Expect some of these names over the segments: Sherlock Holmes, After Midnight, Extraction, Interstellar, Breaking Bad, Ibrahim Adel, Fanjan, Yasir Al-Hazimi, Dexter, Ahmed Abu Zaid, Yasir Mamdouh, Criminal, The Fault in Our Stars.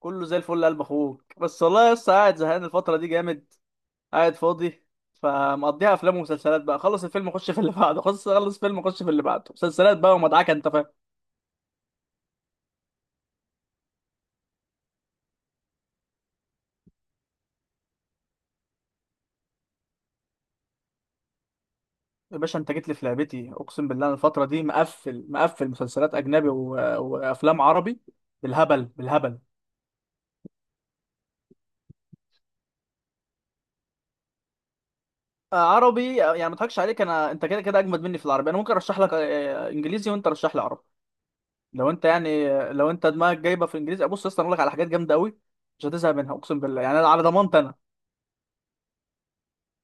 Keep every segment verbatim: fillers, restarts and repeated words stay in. كله زي الفل يا قلب اخوك، بس والله لسه قاعد زهقان الفتره دي جامد. قاعد فاضي، فمقضيها افلام ومسلسلات بقى. خلص الفيلم اخش في اللي بعده، خلص خلص فيلم اخش في اللي بعده، مسلسلات بقى ومدعكه، انت فاهم. يا باشا انت جيت لي في لعبتي، اقسم بالله انا الفتره دي مقفل مقفل مسلسلات اجنبي و... وافلام عربي، بالهبل بالهبل. آه، عربي، آه، يعني ما اضحكش عليك، انا انت كده كده اجمد مني في العربي. انا ممكن ارشح لك آه، آه، انجليزي وانت رشح لي عربي. لو انت يعني لو انت دماغك جايبه في الانجليزي، بص يا اسطى انا اقول لك على حاجات جامده قوي. مش هتزهق منها اقسم بالله، يعني على ضمانتي انا.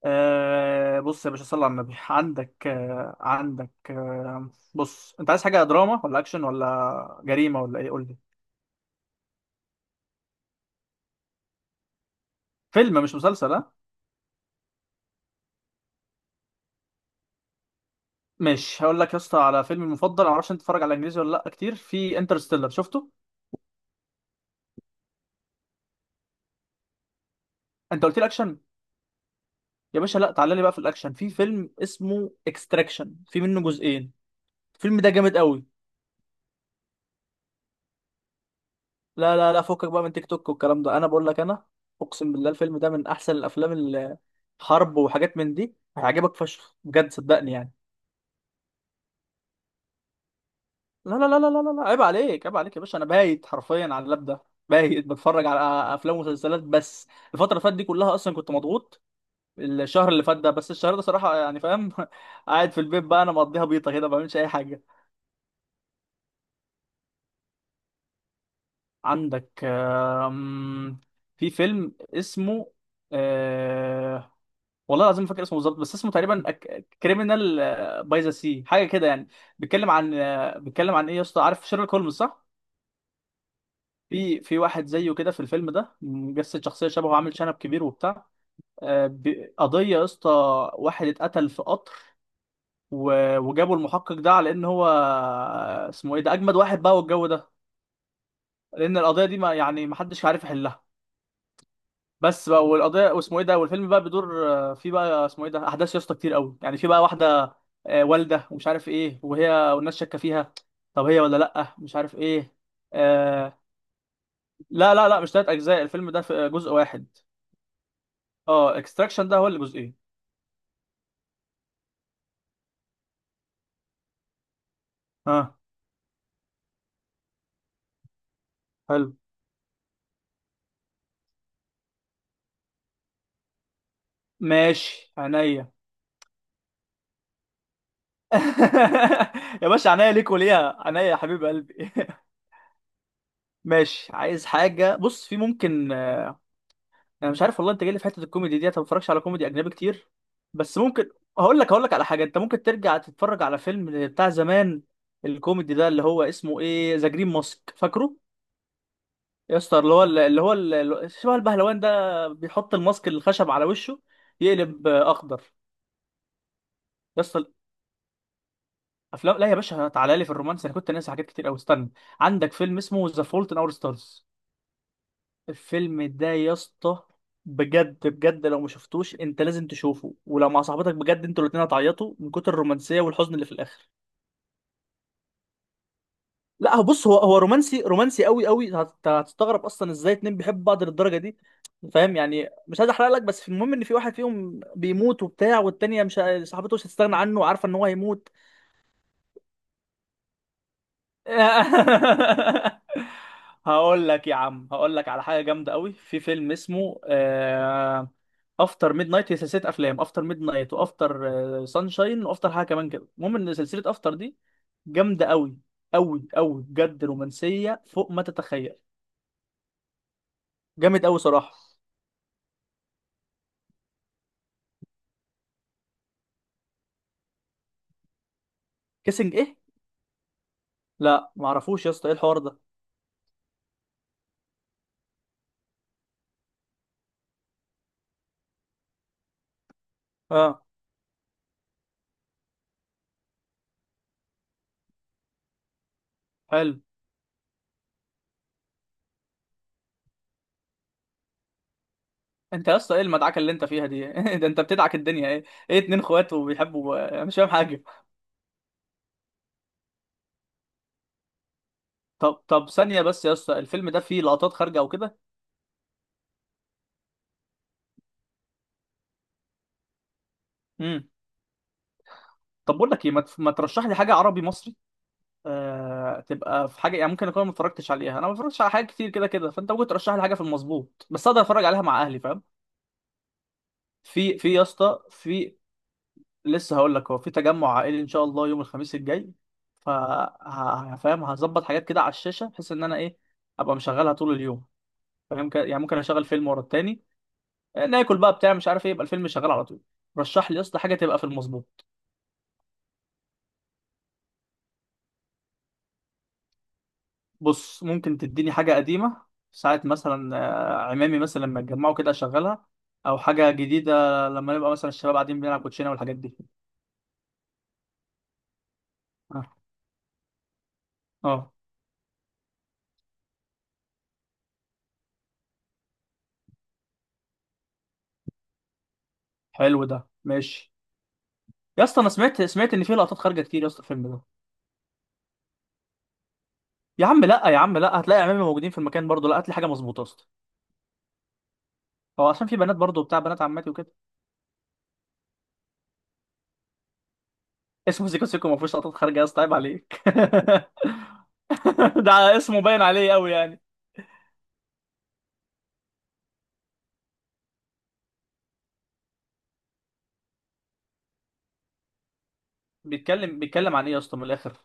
آه بص يا باشا، صلي على النبي. عندك آه، عندك آه. بص، انت عايز حاجه دراما ولا اكشن ولا جريمه ولا ايه؟ قول لي. فيلم مش مسلسل، ها؟ مش هقول لك يا اسطى على فيلم المفضل. انا معرفش انت بتتفرج على انجليزي ولا لا كتير. في انترستيلر، شفته؟ انت قلت لي اكشن. يا باشا لا تعالى لي بقى في الاكشن، في فيلم اسمه اكستراكشن، في منه جزئين. الفيلم ده جامد قوي. لا لا لا، فكك بقى من تيك توك والكلام ده، انا بقول لك انا. اقسم بالله الفيلم ده من احسن الافلام اللي حرب وحاجات من دي، هيعجبك فشخ بجد، صدقني يعني. لا لا لا لا لا لا، عيب عليك عيب عليك يا باشا، انا بايت حرفيا على اللاب ده. بايت بتفرج على افلام ومسلسلات بس. الفتره اللي فاتت دي كلها اصلا كنت مضغوط. الشهر اللي فات ده، بس الشهر ده صراحه يعني فاهم. قاعد في البيت بقى، انا مقضيها بيطه كده، ما بعملش اي حاجه. عندك آم، في فيلم اسمه أه... والله العظيم ما فاكر اسمه بالظبط، بس اسمه تقريبا كريمنال باي ذا سي، حاجه كده يعني. بيتكلم عن آه، بيتكلم عن ايه يا اسطى، عارف شيرلوك هولمز صح؟ في في واحد زيه كده في الفيلم ده، مجسد شخصيه شبهه، عامل شنب كبير وبتاع. آه، ب- قضيه يا اسطى، واحد اتقتل في قطر و- وجابوا المحقق ده على ان هو اسمه ايه ده، اجمد واحد بقى والجو ده، لان القضيه دي ما يعني ما حدش عارف يحلها بس بقى. والقضيه واسمه ايه ده، والفيلم بقى بيدور آه، في بقى اسمه ايه ده، احداث يا اسطى كتير قوي، يعني في بقى واحده آه، والده ومش عارف ايه، وهي والناس شاكه فيها، طب هي ولا لا، مش عارف ايه. آه، لا لا لا، مش تلات اجزاء، الفيلم ده في جزء واحد. اه، اكستراكشن ده هو اللي جزئين. ها، حلو، ماشي عينيا. يا باشا عينيا ليك وليها، عينيا يا حبيب قلبي. ماشي، عايز حاجة، بص في ممكن، انا مش عارف والله، انت جاي لي في حتة الكوميدي دي، انا ما بتفرجش على كوميدي اجنبي كتير، بس ممكن. هقول لك هقول لك على حاجة، انت ممكن ترجع تتفرج على فيلم بتاع زمان، الكوميدي ده اللي هو اسمه ايه، ذا جرين ماسك، فاكره يا اسطى اللي هو اللي هو اللي شبه البهلوان ده، بيحط الماسك الخشب على وشه، يقلب اخضر. يا اسطى افلام، لا يا باشا تعالى لي في الرومانس، انا كنت ناسي حاجات كتير قوي، استنى. عندك فيلم اسمه ذا فولت ان اور ستارز، الفيلم ده يا اسطى بجد بجد، لو ما شفتوش انت لازم تشوفه، ولو مع صاحبتك بجد انتوا الاتنين هتعيطوا من كتر الرومانسيه والحزن اللي في الاخر. لا هو بص، هو هو رومانسي رومانسي قوي قوي، هت- هتستغرب اصلا ازاي اتنين بيحبوا بعض للدرجه دي، فاهم يعني. مش عايز احرق لك، بس في المهم ان في واحد فيهم بيموت وبتاع، والتانيه مش ه- صاحبته مش هتستغنى عنه وعارفه ان هو هيموت. هقول لك يا عم، هقول لك على حاجه جامده قوي، في فيلم اسمه افتر ميد نايت، هي سلسله افلام، افتر ميد نايت، وافتر سانشاين، وافتر حاجه كمان كده، المهم ان سلسله افتر دي جامده قوي قوي قوي بجد، رومانسيه فوق ما تتخيل. جامد قوي صراحه. كيسنج ايه؟ لا معرفوش يا اسطى، ايه الحوار ده. اه، حلو. انت يا اسطى ايه المدعكه اللي انت فيها دي؟ ده انت بتدعك الدنيا، ايه، ايه، اتنين اخوات وبيحبوا، انا مش فاهم حاجه. طب طب ثانية بس يا اسطى، الفيلم ده فيه لقطات خارجة أو كده؟ امم، طب بقول لك إيه، ما تف- ما ترشح لي حاجة عربي مصري آه... تبقى في حاجة، يعني ممكن أكون ما اتفرجتش عليها، أنا ما اتفرجتش على حاجات كتير كده كده، فأنت ممكن ترشح لي حاجة في المظبوط، بس أقدر أتفرج عليها مع أهلي فاهم؟ في في يا اسطى في، لسه هقول لك، هو في تجمع عائلي إن شاء الله يوم الخميس الجاي، ف ه- فاهم، هظبط حاجات كده على الشاشة، بحيث إن أنا إيه، أبقى مشغلها طول اليوم. فاهم ك- يعني ممكن أشغل فيلم ورا التاني، آه، ناكل بقى بتاع مش عارف إيه، يبقى الفيلم شغال على طول. رشح لي يا اسطى حاجة تبقى في المظبوط. بص، ممكن تديني حاجة قديمة ساعة مثلا، آه، عمامي مثلا لما اتجمعوا كده أشغلها، أو حاجة جديدة لما نبقى مثلا الشباب قاعدين بنلعب كوتشينة والحاجات دي. اه، آه، حلو ده، ماشي. يا اسطى أنا سمعت سمعت إن فيه لقطات خارجة كتير يا اسطى الفيلم ده. يا عم لا، يا عم لا، هتلاقي عمامي موجودين في المكان برضه، لا هات لي حاجة مظبوطة يا اسطى. هو عشان في بنات برضه بتاع، بنات عماتي وكده. اسمه سيكو سيكو ما فيهوش لقطات خارجة؟ يا اسطى عيب عليك. ده اسمه باين عليه قوي يعني. بيتكلم بيتكلم عن ايه يا اسطى من الآخر؟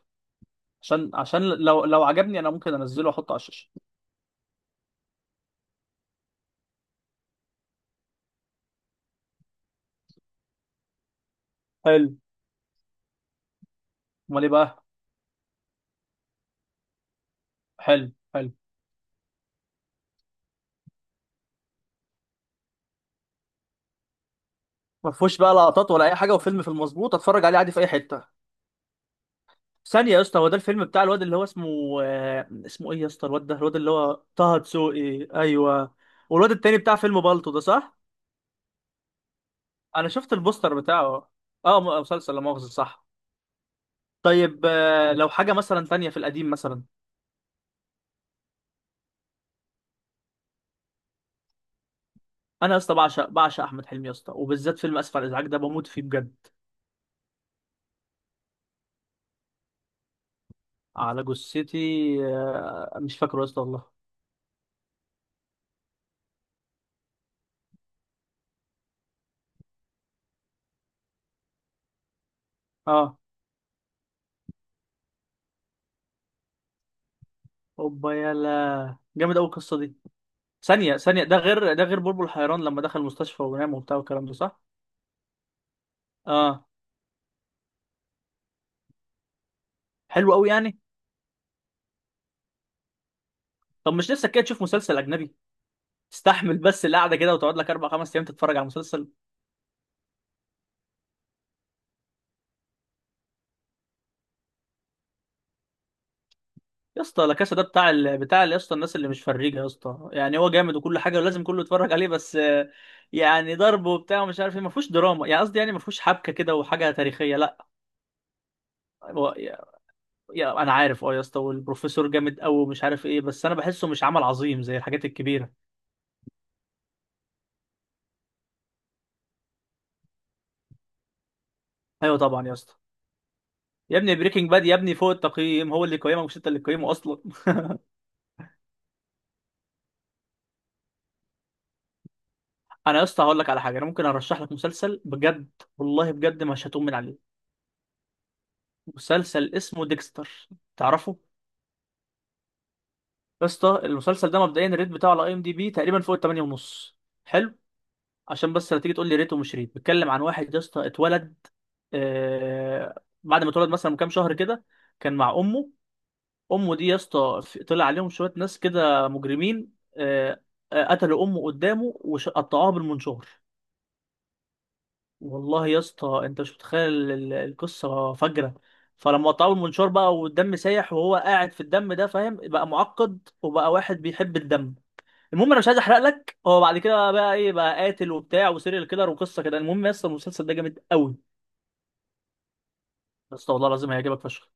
عشان عشان لو لو عجبني انا ممكن انزله واحطه على الشاشة. حلو، امال ايه بقى؟ حلو حلو. ما فيهوش بقى لقطات ولا اي حاجه، وفيلم في المظبوط اتفرج عليه عادي في اي حته. ثانيه يا اسطى، هو ده الفيلم بتاع الواد اللي هو اسمه آه، اسمه ايه يا اسطى الواد ده، الواد اللي هو طه دسوقي، ايوه. والواد التاني بتاع فيلم بالطو ده صح؟ انا شفت البوستر بتاعه. اه م- مسلسل لا مؤاخذه، صح. طيب آه، لو حاجه مثلا تانية في القديم مثلا. انا يا اسطى بعشق بعشق احمد حلمي يا اسطى، وبالذات فيلم اسف على الازعاج، ده بموت فيه بجد. على جثتي، آه، مش فاكره يا اسطى والله. اه، اوبا، يلا جامد قوي القصه دي. ثانيه ثانيه ده غير، ده غير بلبل حيران لما دخل المستشفى ونام وبتاع والكلام ده، صح؟ اه، حلو قوي يعني. طب مش نفسك كده تشوف مسلسل اجنبي، تستحمل بس القعده كده، وتقعد لك اربع خمس ايام تتفرج على مسلسل؟ يا اسطى لا كاسا ده بتاع ال... بتاع يا اسطى الناس اللي مش فريجه يا اسطى يعني، هو جامد وكل حاجه ولازم كله يتفرج عليه، بس آه، يعني ضرب وبتاع ومش عارف ايه، ما فيهوش دراما يعني، قصدي يعني ما فيهوش حبكه كده وحاجه تاريخيه، لا. هو يا... يا... انا عارف اه يا اسطى، والبروفيسور جامد قوي ومش عارف ايه، بس انا بحسه مش عمل عظيم زي الحاجات الكبيره. ايوه طبعا يا اسطى. يا ابني بريكنج باد يا ابني فوق التقييم، هو اللي قيمه، مش انت اللي قيمه اصلا. انا يا اسطى هقول لك على حاجه، انا ممكن ارشح لك مسلسل بجد، والله بجد مش هتقوم من عليه. مسلسل اسمه ديكستر، تعرفه؟ يا اسطى المسلسل ده مبدئيا الريت بتاعه على اي ام دي بي تقريبا فوق ال تمانية ونص. حلو. عشان بس لا تيجي تقول لي ريت ومش ريت. بيتكلم عن واحد يا اسطى اتولد، آه بعد ما اتولد مثلا من كام شهر كده، كان مع امه. امه دي يا اسطى في- طلع عليهم شويه ناس كده مجرمين، آه، آه، قتلوا امه قدامه وقطعوها بالمنشار. والله يا اسطى انت مش متخيل ال- ال- القصه فجره. فلما قطعوه بالمنشار بقى والدم سايح، وهو قاعد في الدم ده، فاهم بقى، معقد، وبقى واحد بيحب الدم. المهم انا مش عايز احرق لك، هو بعد كده بقى ايه، بقى قاتل وبتاع وسيريال كيلر وقصه كده، المهم يا اسطى المسلسل ده جامد قوي. يا اسطى والله العظيم هيعجبك فشخ.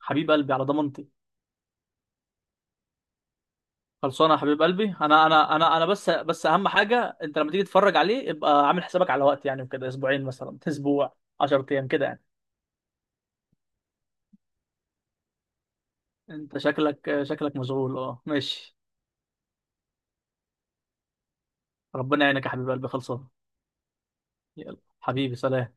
حبيب قلبي، على ضمانتي. خلصانه يا حبيب قلبي، انا انا انا انا بس بس اهم حاجه انت لما تيجي تتفرج عليه ابقى عامل حسابك على وقت يعني، وكده اسبوعين مثلا، اسبوع عشرة ايام كده يعني. انت شكلك شكلك مشغول، اه ماشي. ربنا يعينك يا حبيب قلبي، خلصانه. يلا حبيبي، سلام.